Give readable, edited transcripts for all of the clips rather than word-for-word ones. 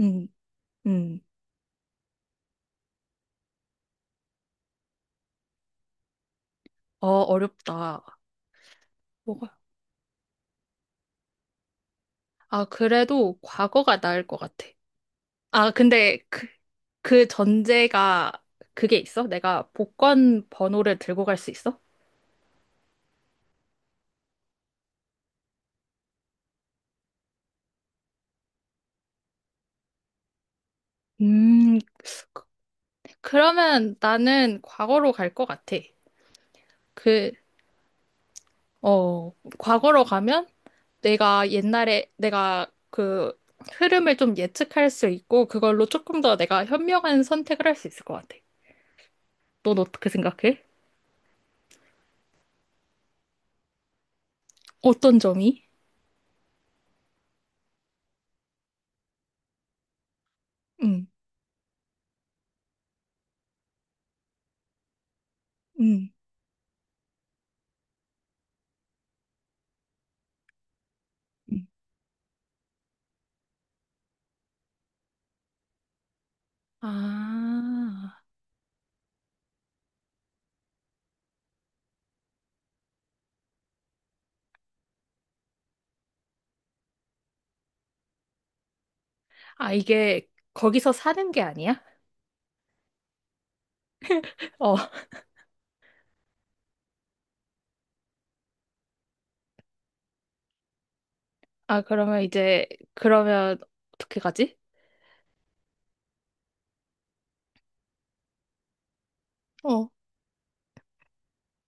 음, 음. 어, 어렵다. 뭐가? 아, 그래도 과거가 나을 것 같아. 아, 근데 그 전제가 그게 있어? 내가 복권 번호를 들고 갈 수 있어? 음, 그러면 나는 과거로 갈 것 같아. 그, 과거로 가면 내가 옛날에 내가 그 흐름을 좀 예측할 수 있고 그걸로 조금 더 내가 현명한 선택을 할 수 있을 것 같아. 넌 어떻게 생각해? 어떤 점이? 응응, 아, 아, 이게 거기서 사는 게 아니야? 어, 아, 그러면 이제, 그러면 어떻게 가지? 어,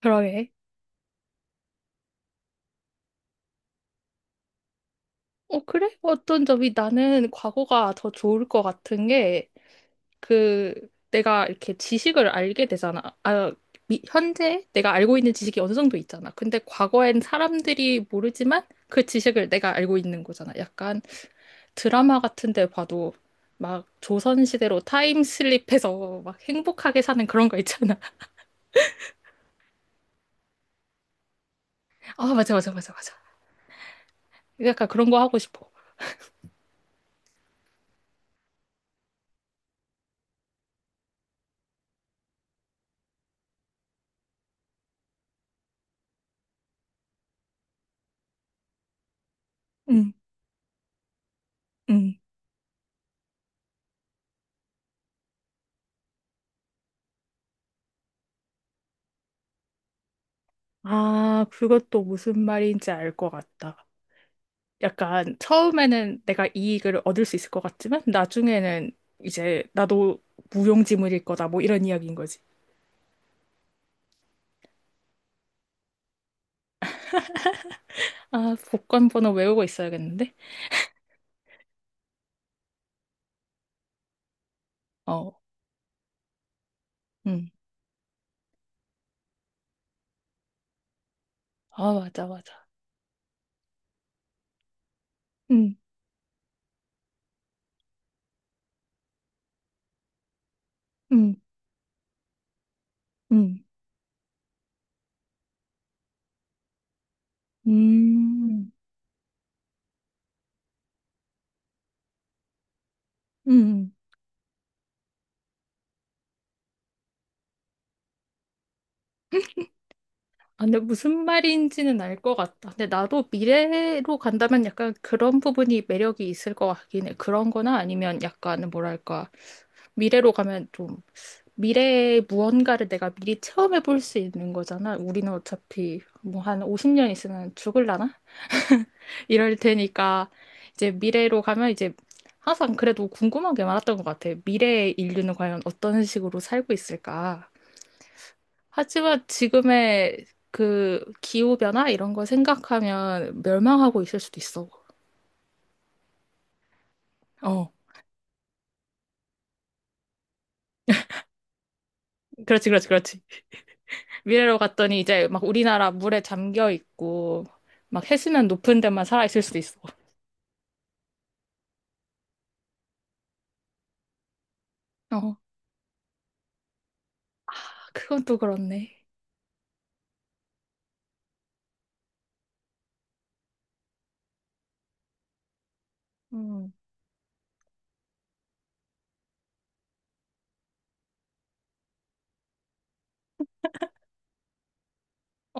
그러게. 어, 그래? 어떤 점이 나는 과거가 더 좋을 것 같은 게, 그, 내가 이렇게 지식을 알게 되잖아. 아, 현재 내가 알고 있는 지식이 어느 정도 있잖아. 근데 과거엔 사람들이 모르지만 그 지식을 내가 알고 있는 거잖아. 약간 드라마 같은 데 봐도 막 조선시대로 타임슬립해서 막 행복하게 사는 그런 거 있잖아. 아, 맞아, 맞아, 맞아, 맞아. 약간 그런 거 하고 싶어. 응, 응, 아, 그것도 무슨 말인지 알 것 같다. 약간 처음에는 내가 이익을 얻을 수 있을 것 같지만 나중에는 이제 나도 무용지물일 거다. 뭐 이런 이야기인 거지. 아, 복권 번호 외우고 있어야겠는데? 어, 음. 아, 맞아, 맞아. 음, 음, 음, 음, 음. 아, 근데 무슨 말인지는 알 것 같다. 근데 나도 미래로 간다면 약간 그런 부분이 매력이 있을 것 같긴 해. 그런 거나 아니면 약간 뭐랄까. 미래로 가면 좀 미래의 무언가를 내가 미리 체험해 볼 수 있는 거잖아. 우리는 어차피 뭐 한 50년 있으면 죽을라나? 이럴 테니까 이제 미래로 가면 이제 항상 그래도 궁금한 게 많았던 것 같아. 미래의 인류는 과연 어떤 식으로 살고 있을까? 하지만 지금의 그 기후변화 이런 걸 생각하면 멸망하고 있을 수도 있어. 어. 그렇지, 그렇지, 그렇지. 미래로 갔더니 이제 막 우리나라 물에 잠겨 있고 막 해수면 높은 데만 살아 있을 수도 있어. 어. 아, 그건 또 그렇네. 음.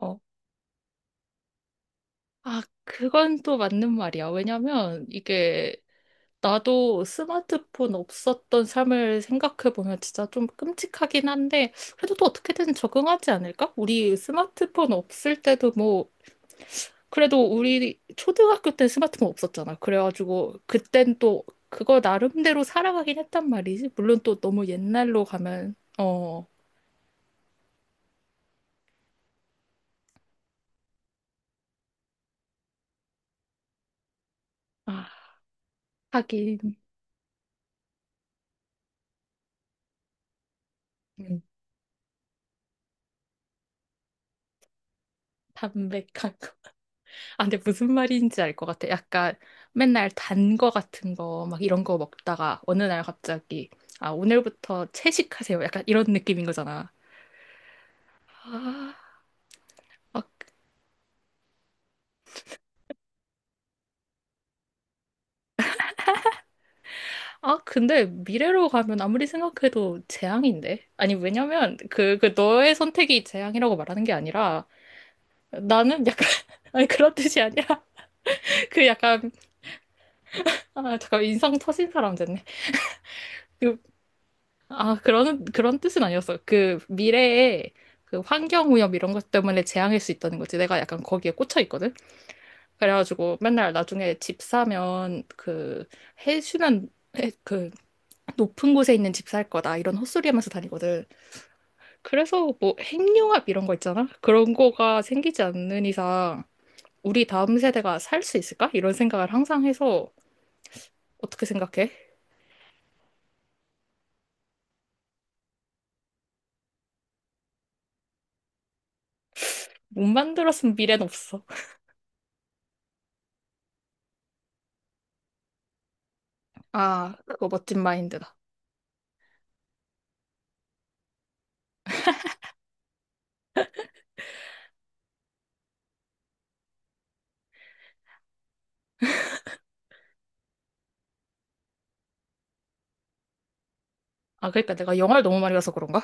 어. 아, 그건 또 맞는 말이야. 왜냐면 이게 나도 스마트폰 없었던 삶을 생각해보면 진짜 좀 끔찍하긴 한데, 그래도 또 어떻게든 적응하지 않을까? 우리 스마트폰 없을 때도 뭐, 그래도 우리 초등학교 때 스마트폰 없었잖아. 그래가지고, 그땐 또 그거 나름대로 살아가긴 했단 말이지. 물론 또 너무 옛날로 가면, 어, 아, 하긴, 음, 담백하고. 아, 근데 무슨 말인지 알 것 같아. 약간 맨날 단 거 같은 거, 막 이런 거 먹다가 어느 날 갑자기, 아, 오늘부터 채식하세요. 약간 이런 느낌인 거잖아. 아, 아, 아, 근데 미래로 가면 아무리 생각해도 재앙인데? 아니, 왜냐면 그 너의 선택이 재앙이라고 말하는 게 아니라 나는 약간, 아니, 그런 뜻이 아니라 그 약간, 아, 잠깐 인상 터진 사람 됐네. 그 아, 그런 뜻은 아니었어. 그 미래에 그 환경오염 이런 것 때문에 재앙일 수 있다는 거지. 내가 약간 거기에 꽂혀 있거든. 그래가지고 맨날 나중에 집 사면 그 해수면 그 높은 곳에 있는 집 살 거다 이런 헛소리 하면서 다니거든. 그래서 뭐 핵융합 이런 거 있잖아. 그런 거가 생기지 않는 이상 우리 다음 세대가 살 수 있을까? 이런 생각을 항상 해서 어떻게 생각해? 못 만들었으면 미래는 없어. 아, 그거 멋진 마인드다. 아, 그러니까 내가 영화를 너무 많이 봐서 그런가?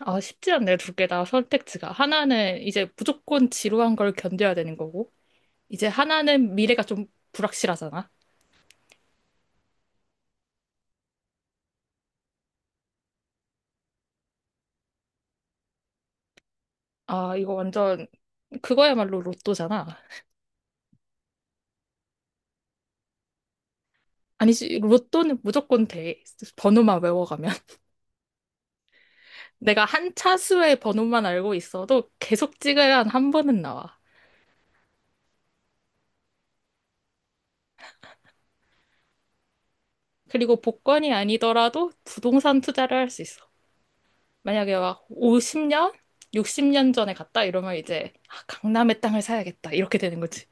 아, 쉽지 않네, 두 개다 선택지가. 하나는 이제 무조건 지루한 걸 견뎌야 되는 거고, 이제 하나는 미래가 좀 불확실하잖아. 아, 이거 완전 그거야말로 로또잖아. 아니지, 로또는 무조건 돼. 번호만 외워가면. 내가 한 차수의 번호만 알고 있어도 계속 찍어야 한 한 번은 나와. 그리고 복권이 아니더라도 부동산 투자를 할 수 있어. 만약에 막 50년? 60년 전에 갔다 이러면 이제 아, 강남의 땅을 사야겠다 이렇게 되는 거지.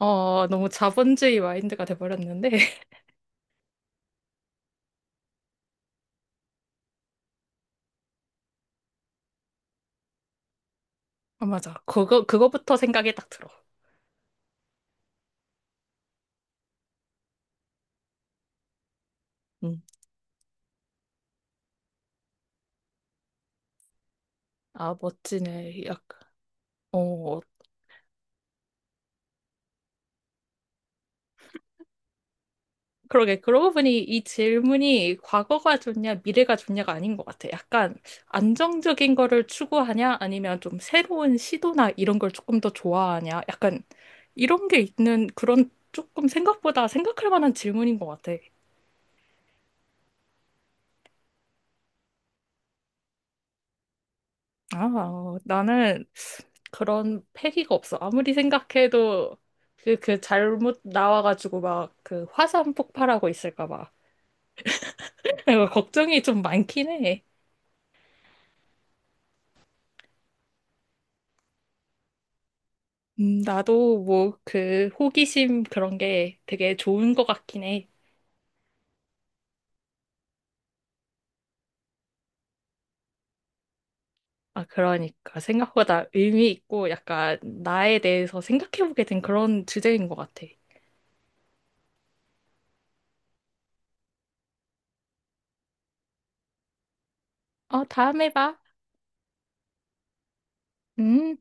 어, 너무 자본주의 마인드가 돼버렸는데. 아, 맞아. 그거, 그거부터 생각이 딱 들어. 음. 아, 멋지네. 약간, 어, 그러게. 그러고 보니 이 질문이 과거가 좋냐, 미래가 좋냐가 아닌 것 같아. 약간 안정적인 거를 추구하냐, 아니면 좀 새로운 시도나 이런 걸 조금 더 좋아하냐. 약간 이런 게 있는 그런 조금 생각보다 생각할 만한 질문인 것 같아. 아, 나는 그런 패기가 없어. 아무리 생각해도 그 잘못 나와가지고 막 그 화산 폭발하고 있을까 봐. 걱정이 좀 많긴 해. 나도 뭐 그 호기심 그런 게 되게 좋은 것 같긴 해. 아, 그러니까 생각보다 의미 있고 약간 나에 대해서 생각해보게 된 그런 주제인 것 같아. 어, 다음에 봐. 음.